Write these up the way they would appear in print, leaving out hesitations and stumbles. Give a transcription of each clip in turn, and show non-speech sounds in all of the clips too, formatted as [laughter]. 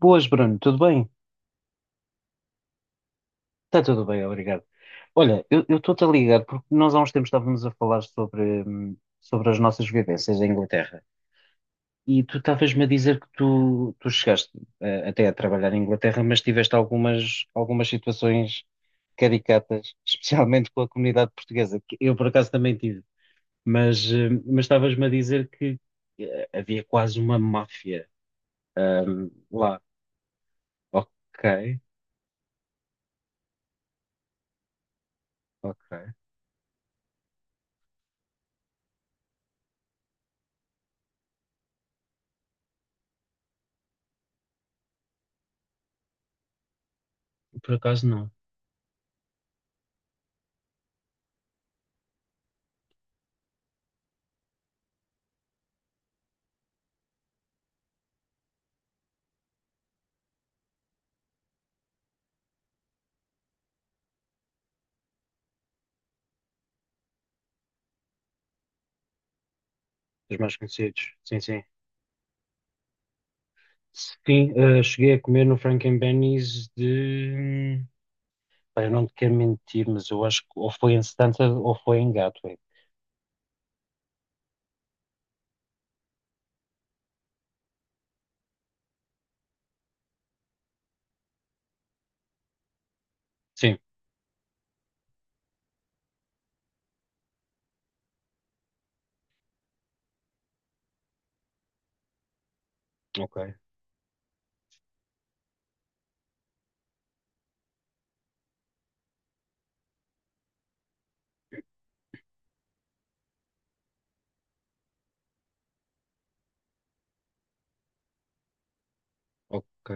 Boas, Bruno, tudo bem? Está tudo bem, obrigado. Olha, eu estou-te a ligar porque nós há uns tempos estávamos a falar sobre as nossas vivências em Inglaterra e tu estavas-me a dizer que tu chegaste até a trabalhar em Inglaterra, mas tiveste algumas situações caricatas, [laughs] especialmente com a comunidade portuguesa, que eu por acaso também tive, mas estavas-me a dizer que havia quase uma máfia, lá. Ok, ok. Por acaso não. Os mais conhecidos. Sim, sim. Sim, cheguei a comer no Frank and Benny's de. Pá, eu não te quero mentir, mas eu acho que ou foi em Santa ou foi em Gatwick. Sim, ok, ok.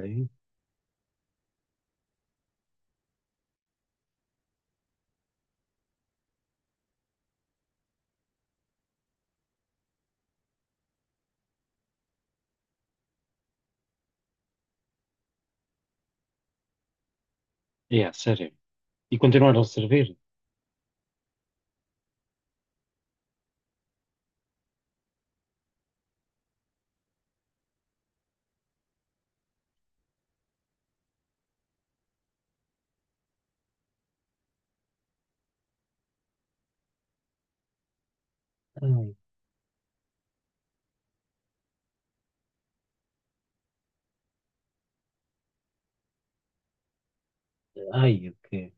É, sério. E continuaram a servir? Ai, ai, o quê?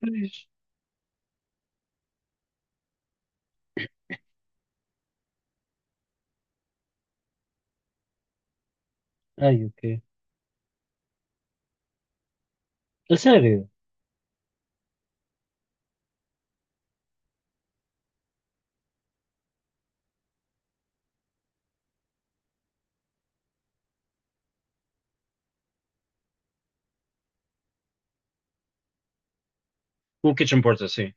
Pois, ai, o quê? A sério? O Kitchen Porter, sim.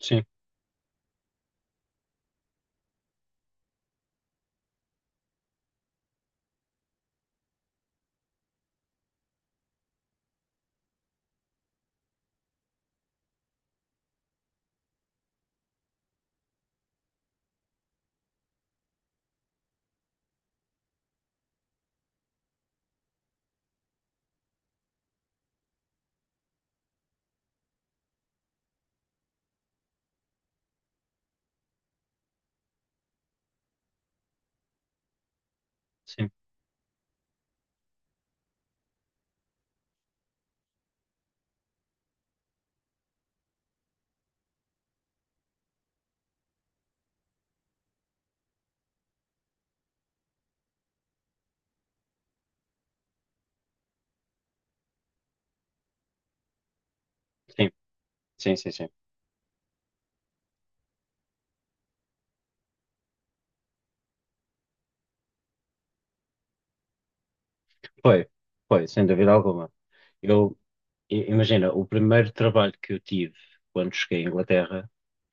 Sim, sim, sim, sim, sim, sim. Foi, foi, sem dúvida alguma. Eu, imagina, o primeiro trabalho que eu tive quando cheguei à Inglaterra,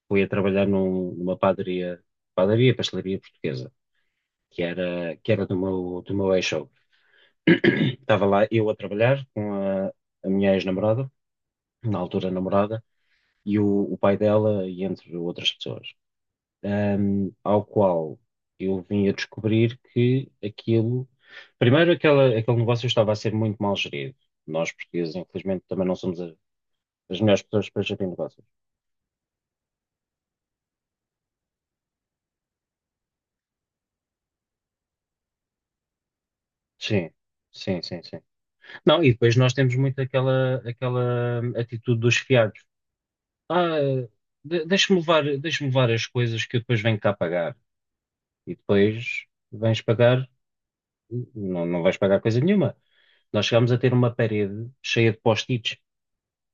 fui a trabalhar numa padaria, pastelaria portuguesa, que era do meu ex show. [coughs] [clears throat] Estava lá eu a trabalhar com a minha ex-namorada, na altura namorada, e o pai dela, e entre outras pessoas. Ao qual eu vim a descobrir que aquilo. Primeiro, aquele negócio estava a ser muito mal gerido. Nós, portugueses, infelizmente, também não somos as melhores pessoas para gerir negócios. Sim, sim, sim, sim. Não, e depois nós temos muito aquela atitude dos fiados. Ah, deixa-me levar, deixa-me levar as coisas que eu depois venho cá pagar. E depois vens pagar, não, não vais pagar coisa nenhuma. Nós chegámos a ter uma parede cheia de post-its,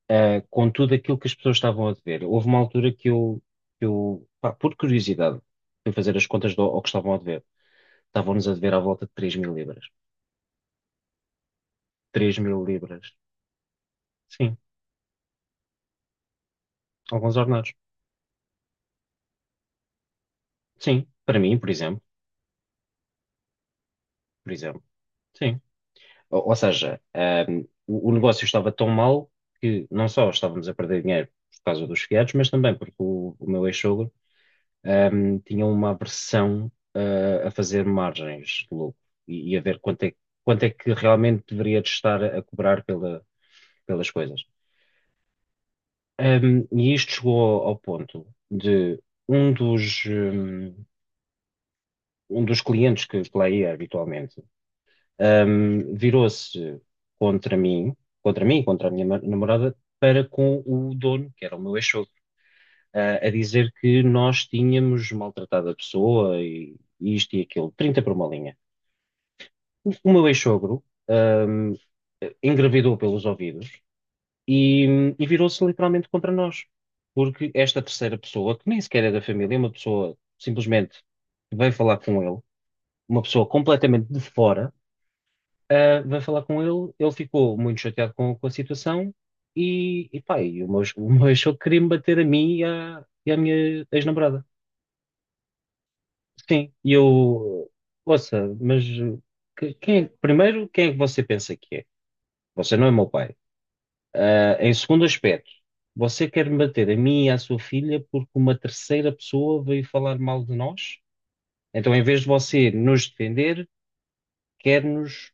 com tudo aquilo que as pessoas estavam a dever. Houve uma altura que eu pá, por curiosidade, fui fazer as contas ao que estavam a dever. Estavam-nos a dever à volta de 3.000 libras. 3.000 libras. Sim, alguns ordenados. Sim, para mim, por exemplo. Por exemplo. Sim. Ou seja, o negócio estava tão mal que não só estávamos a perder dinheiro por causa dos fiados, mas também porque o meu ex-sogro, tinha uma aversão, a fazer margens de lucro e a ver quanto é que realmente deveria de estar a cobrar pelas coisas. E isto chegou ao ponto de um dos, hum, um dos clientes que lá ia habitualmente, virou-se contra mim, contra mim, contra a minha namorada, para com o dono, que era o meu ex-sogro, a dizer que nós tínhamos maltratado a pessoa e isto e aquilo, 30 por uma linha. O meu ex-sogro, um, engravidou pelos ouvidos e virou-se literalmente contra nós. Porque esta terceira pessoa, que nem sequer é da família, é uma pessoa simplesmente que veio falar com ele, uma pessoa completamente de fora. Vai falar com ele, ele ficou muito chateado com a situação e pá, [laughs] o meu ex-sogro queria-me bater a mim e à minha ex-namorada. Sim, ouça, mas quem, primeiro, quem é que você pensa que é? Você não é meu pai. Em segundo aspecto, você quer me bater a mim e à sua filha porque uma terceira pessoa veio falar mal de nós? Então, em vez de você nos defender, quer nos,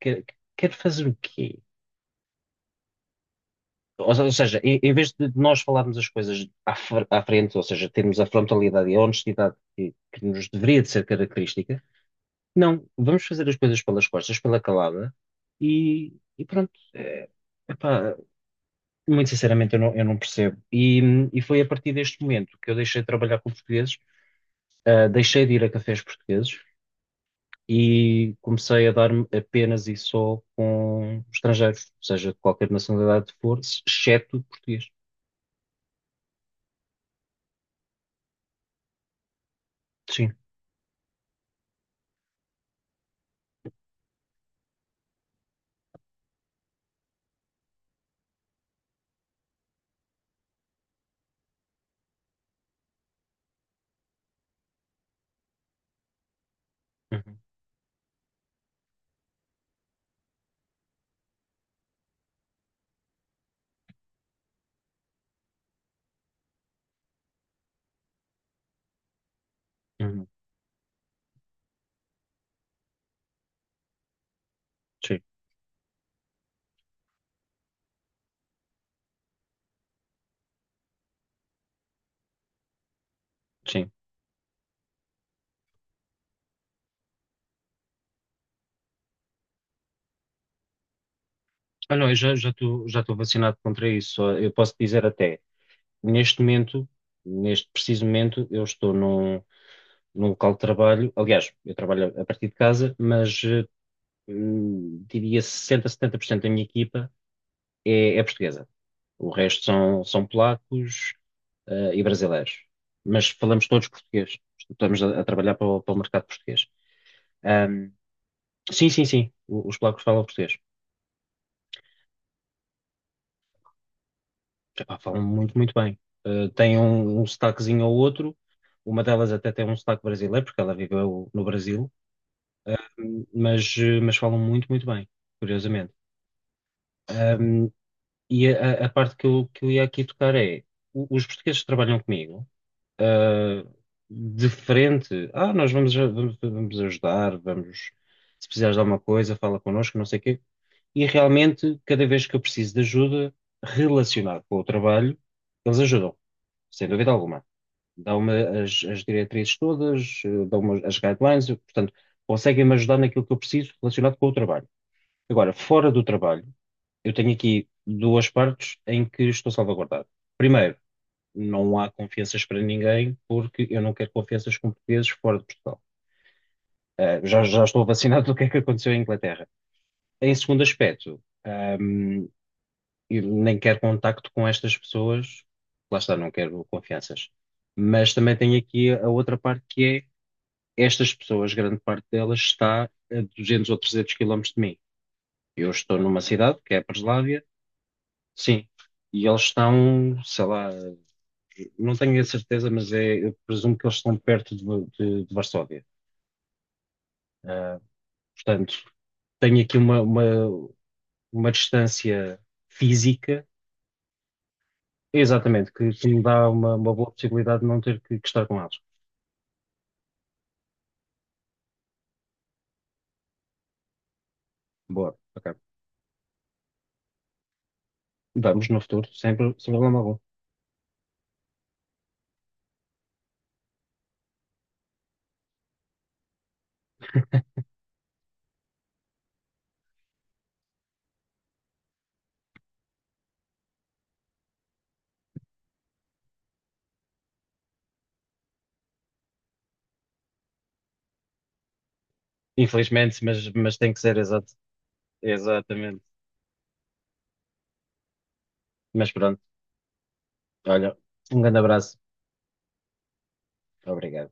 quer, quer fazer o quê? Ou se- ou seja, em vez de nós falarmos as coisas à frente, ou seja, termos a frontalidade e a honestidade que nos deveria de ser característica, não, vamos fazer as coisas pelas costas, pela calada, e, e pronto. É, epá, muito sinceramente, eu não percebo. E foi a partir deste momento que eu deixei de trabalhar com portugueses, deixei de ir a cafés portugueses e comecei a dar-me apenas e só com estrangeiros, seja de qualquer nacionalidade for, exceto português. Sim. Uhum. Uhum. Sim, sim. Ah, não, eu já estou vacinado contra isso. Só eu posso dizer até, neste momento, neste preciso momento, eu estou num local de trabalho. Aliás, eu trabalho a partir de casa, mas diria 60, 70% da minha equipa é portuguesa. O resto são polacos, e brasileiros. Mas falamos todos português. Estamos a trabalhar para o mercado português. Ahm, sim, sim, sim. Os polacos falam português. Epá, falam muito, muito bem. Tem um sotaquezinho ou outro. Uma delas até tem um sotaque brasileiro, porque ela viveu no Brasil. Mas falam muito, muito bem, curiosamente. Ahm, e a parte que eu ia aqui tocar é: os portugueses que trabalham comigo, ah, de frente, nós vamos, vamos ajudar, vamos, se precisares de alguma coisa, fala connosco, não sei o quê. E realmente, cada vez que eu preciso de ajuda relacionada com o trabalho, eles ajudam sem dúvida alguma. Dão-me as diretrizes todas, dão-me as guidelines, eu, portanto, conseguem-me ajudar naquilo que eu preciso relacionado com o trabalho. Agora, fora do trabalho, eu tenho aqui duas partes em que estou salvaguardado. Primeiro, não há confianças para ninguém, porque eu não quero confianças com portugueses fora de Portugal. Já estou vacinado do que é que aconteceu em Inglaterra. Em segundo aspecto, e nem quero contacto com estas pessoas, lá está, não quero confianças. Mas também tem aqui a outra parte que é estas pessoas, grande parte delas está a 200 ou 300 quilómetros de mim. Eu estou numa cidade, que é a Breslávia, sim, e eles estão, sei lá, não tenho a certeza, mas é, eu presumo que eles estão perto de Varsóvia. Ah, Portanto, tenho aqui uma distância física. Exatamente, que me dá uma boa possibilidade de não ter que estar com eles. Boa, ok. Vamos no futuro, sempre, sem problema algum. Infelizmente, mas tem que ser, exato. Exatamente. Mas pronto, olha, um grande abraço. Obrigado.